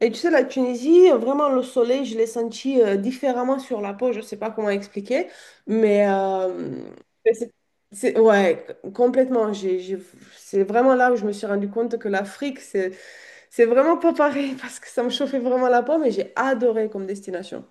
Et tu sais, la Tunisie, vraiment, le soleil, je l'ai senti différemment sur la peau. Je ne sais pas comment expliquer, mais c'est, ouais, complètement. C'est vraiment là où je me suis rendu compte que l'Afrique c'est vraiment pas pareil parce que ça me chauffait vraiment la peau, mais j'ai adoré comme destination.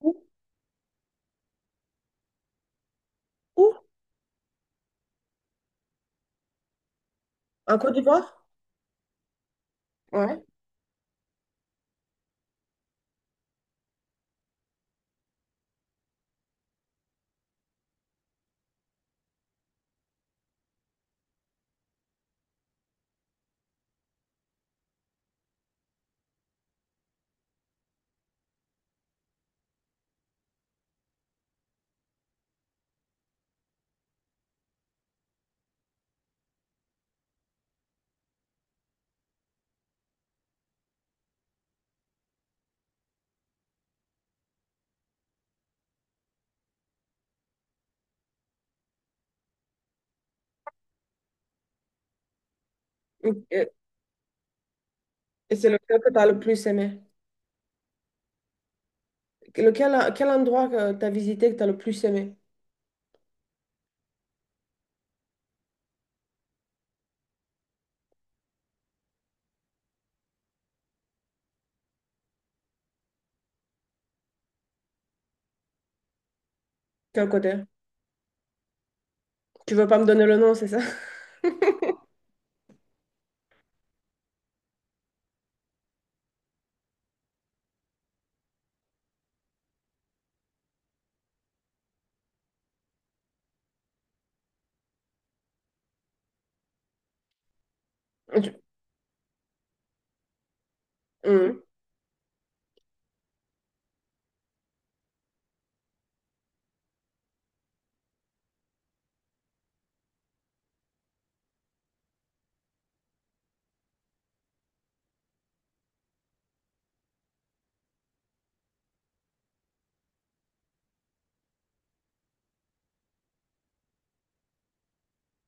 Où? Où? En Côte d'Ivoire? Ouais. Et, et c'est lequel que tu as le plus aimé? Lequel, quel endroit que tu as visité que tu as le plus aimé? Quel côté? Tu veux pas me donner le nom, c'est ça? Tu- Hmm.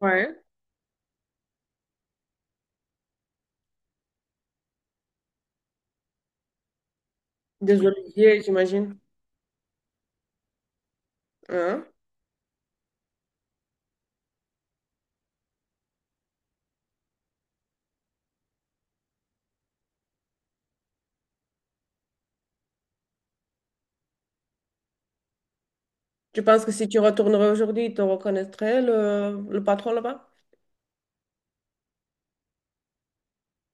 Ouais. Des oliviers, j'imagine. Hein. Tu penses que si tu retournerais aujourd'hui, ils te reconnaîtraient le patron là-bas?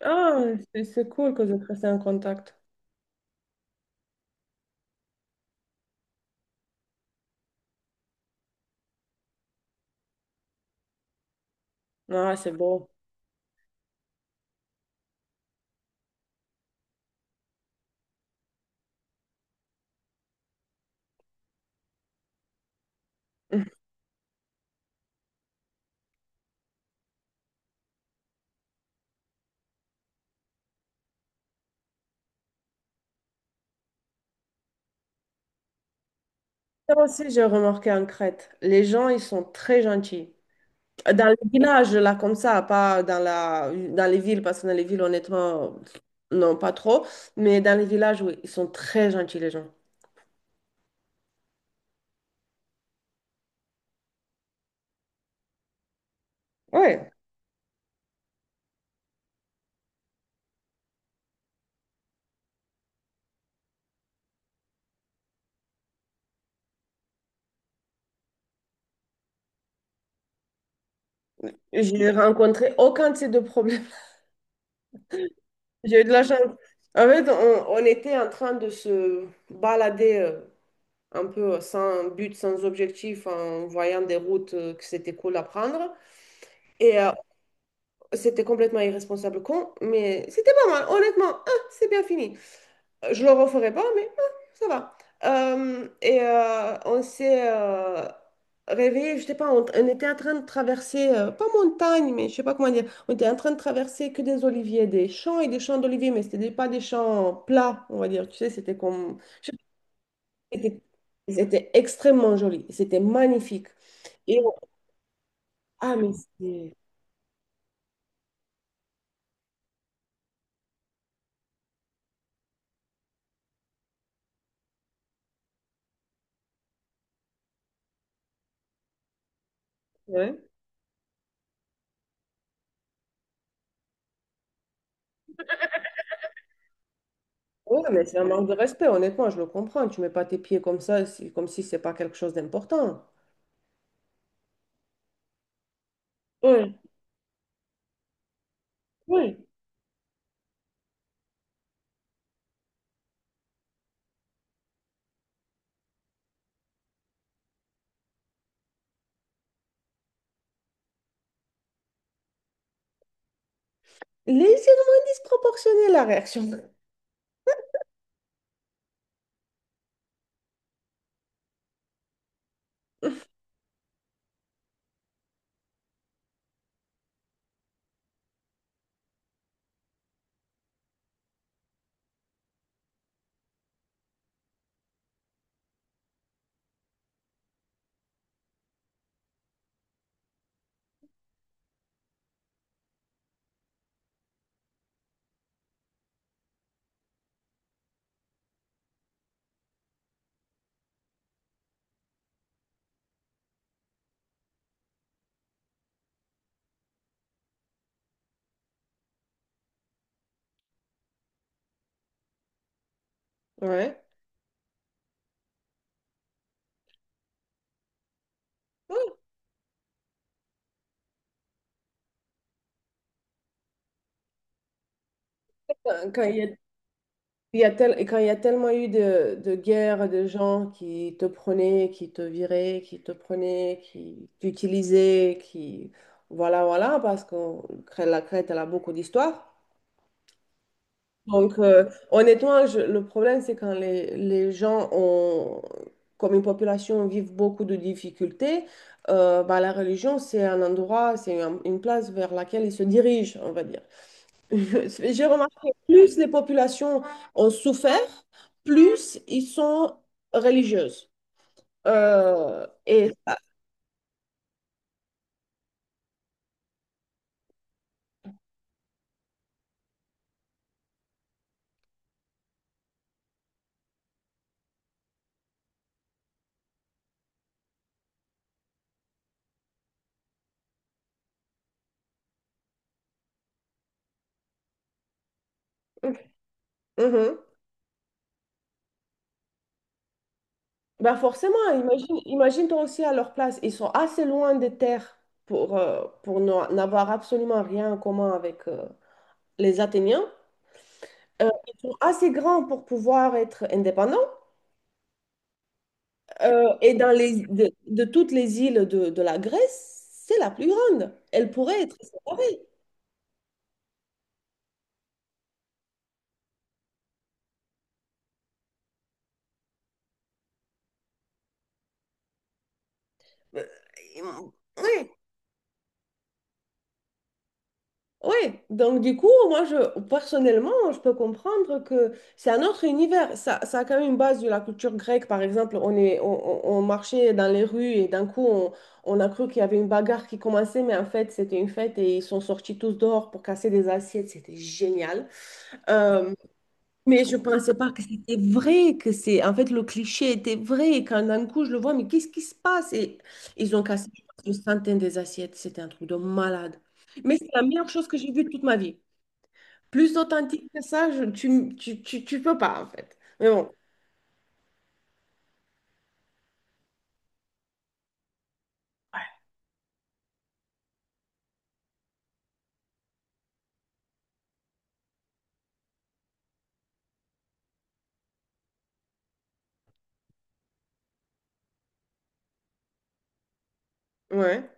Ah, c'est cool que vous êtes restés en contact. Ah, c'est beau. Ça aussi, j'ai remarqué en Crète. Les gens, ils sont très gentils. Dans les villages, là, comme ça, pas dans la, dans les villes, parce que dans les villes, honnêtement, non, pas trop. Mais dans les villages, oui, ils sont très gentils, les gens. Ouais. J'ai rencontré aucun de ces deux problèmes. J'ai eu de la chance. En fait, on était en train de se balader un peu sans but, sans objectif, en voyant des routes que c'était cool à prendre. Et c'était complètement irresponsable, con, mais c'était pas mal, honnêtement. Ah, c'est bien fini. Je le referai pas, mais ah, ça va. On s'est réveillé, je sais pas, on était en train de traverser, pas montagne, mais je sais pas comment dire, on était en train de traverser que des oliviers, des champs et des champs d'oliviers, mais pas des champs plats, on va dire. Tu sais, c'était comme, je sais pas, c'était c'était extrêmement joli, c'était magnifique. Et on- ah, mais c'est. Ouais. Ouais, mais c'est un manque de respect, honnêtement, je le comprends. Tu mets pas tes pieds comme ça, c'est- comme si c'est pas quelque chose d'important. Oui. Ouais. Légèrement disproportionnée la réaction. Ouais. Oui. Quand il y a, quand il y a tellement eu de guerres, de gens qui te prenaient, qui te viraient, qui te prenaient, qui t'utilisaient, qui... Voilà, voilà, parce que la Crète, elle a beaucoup d'histoire. Donc, honnêtement, je- le problème, c'est quand les gens ont, comme une population, vivent beaucoup de difficultés, bah, la religion, c'est un endroit, c'est un- une place vers laquelle ils se dirigent, on va dire. J'ai remarqué, plus les populations ont souffert, plus ils sont religieuses. Et Mhm. Ben forcément, imagine, imagine-toi aussi à leur place. Ils sont assez loin des terres pour, n'avoir absolument rien en commun avec les Athéniens. Ils sont assez grands pour pouvoir être indépendants. Et dans les, de toutes les îles de la Grèce, c'est la plus grande. Elle pourrait être séparée. Euh, Oui. Oui, donc du coup, moi, je, personnellement, je peux comprendre que c'est un autre univers. Ça a quand même une base de la culture grecque. Par exemple, on est, on marchait dans les rues et d'un coup, on a cru qu'il y avait une bagarre qui commençait, mais en fait, c'était une fête et ils sont sortis tous dehors pour casser des assiettes. C'était génial. Euh, mais je pensais pas que c'était vrai, que c'est... En fait, le cliché était vrai. Et quand d'un coup, je le vois, mais qu'est-ce qui se passe? Et ils ont cassé je pense, une centaine des assiettes. C'était un truc de malade. Mais c'est la meilleure chose que j'ai vue de toute ma vie. Plus authentique que ça, je- tu peux pas, en fait. Mais bon, ouais,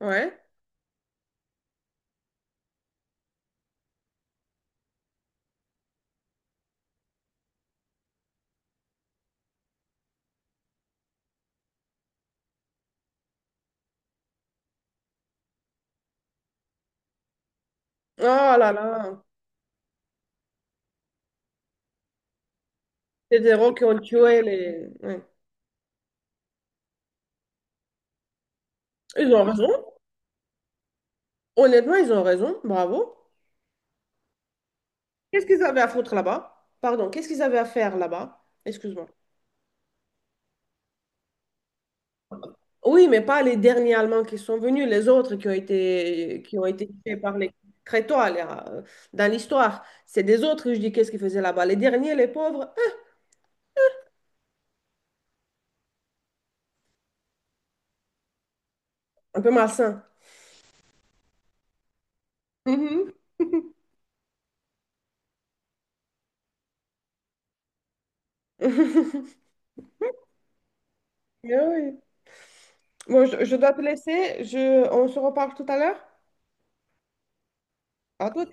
ouais. Oh là là, c'est des héros qui ont tué les... ouais. Ils ont raison. Honnêtement, ils ont raison. Bravo. Qu'est-ce qu'ils avaient à foutre là-bas? Pardon, qu'est-ce qu'ils avaient à faire là-bas? Excuse-moi. Oui, mais pas les derniers Allemands qui sont venus, les autres qui ont été tués par les Crétois dans l'histoire. C'est des autres que je dis qu'est-ce qu'ils faisaient là-bas. Les derniers, les pauvres, un peu malsain. Mhm. Mais oui. Bon, je dois te laisser. Je, on se reparle tout à l'heure. À tout.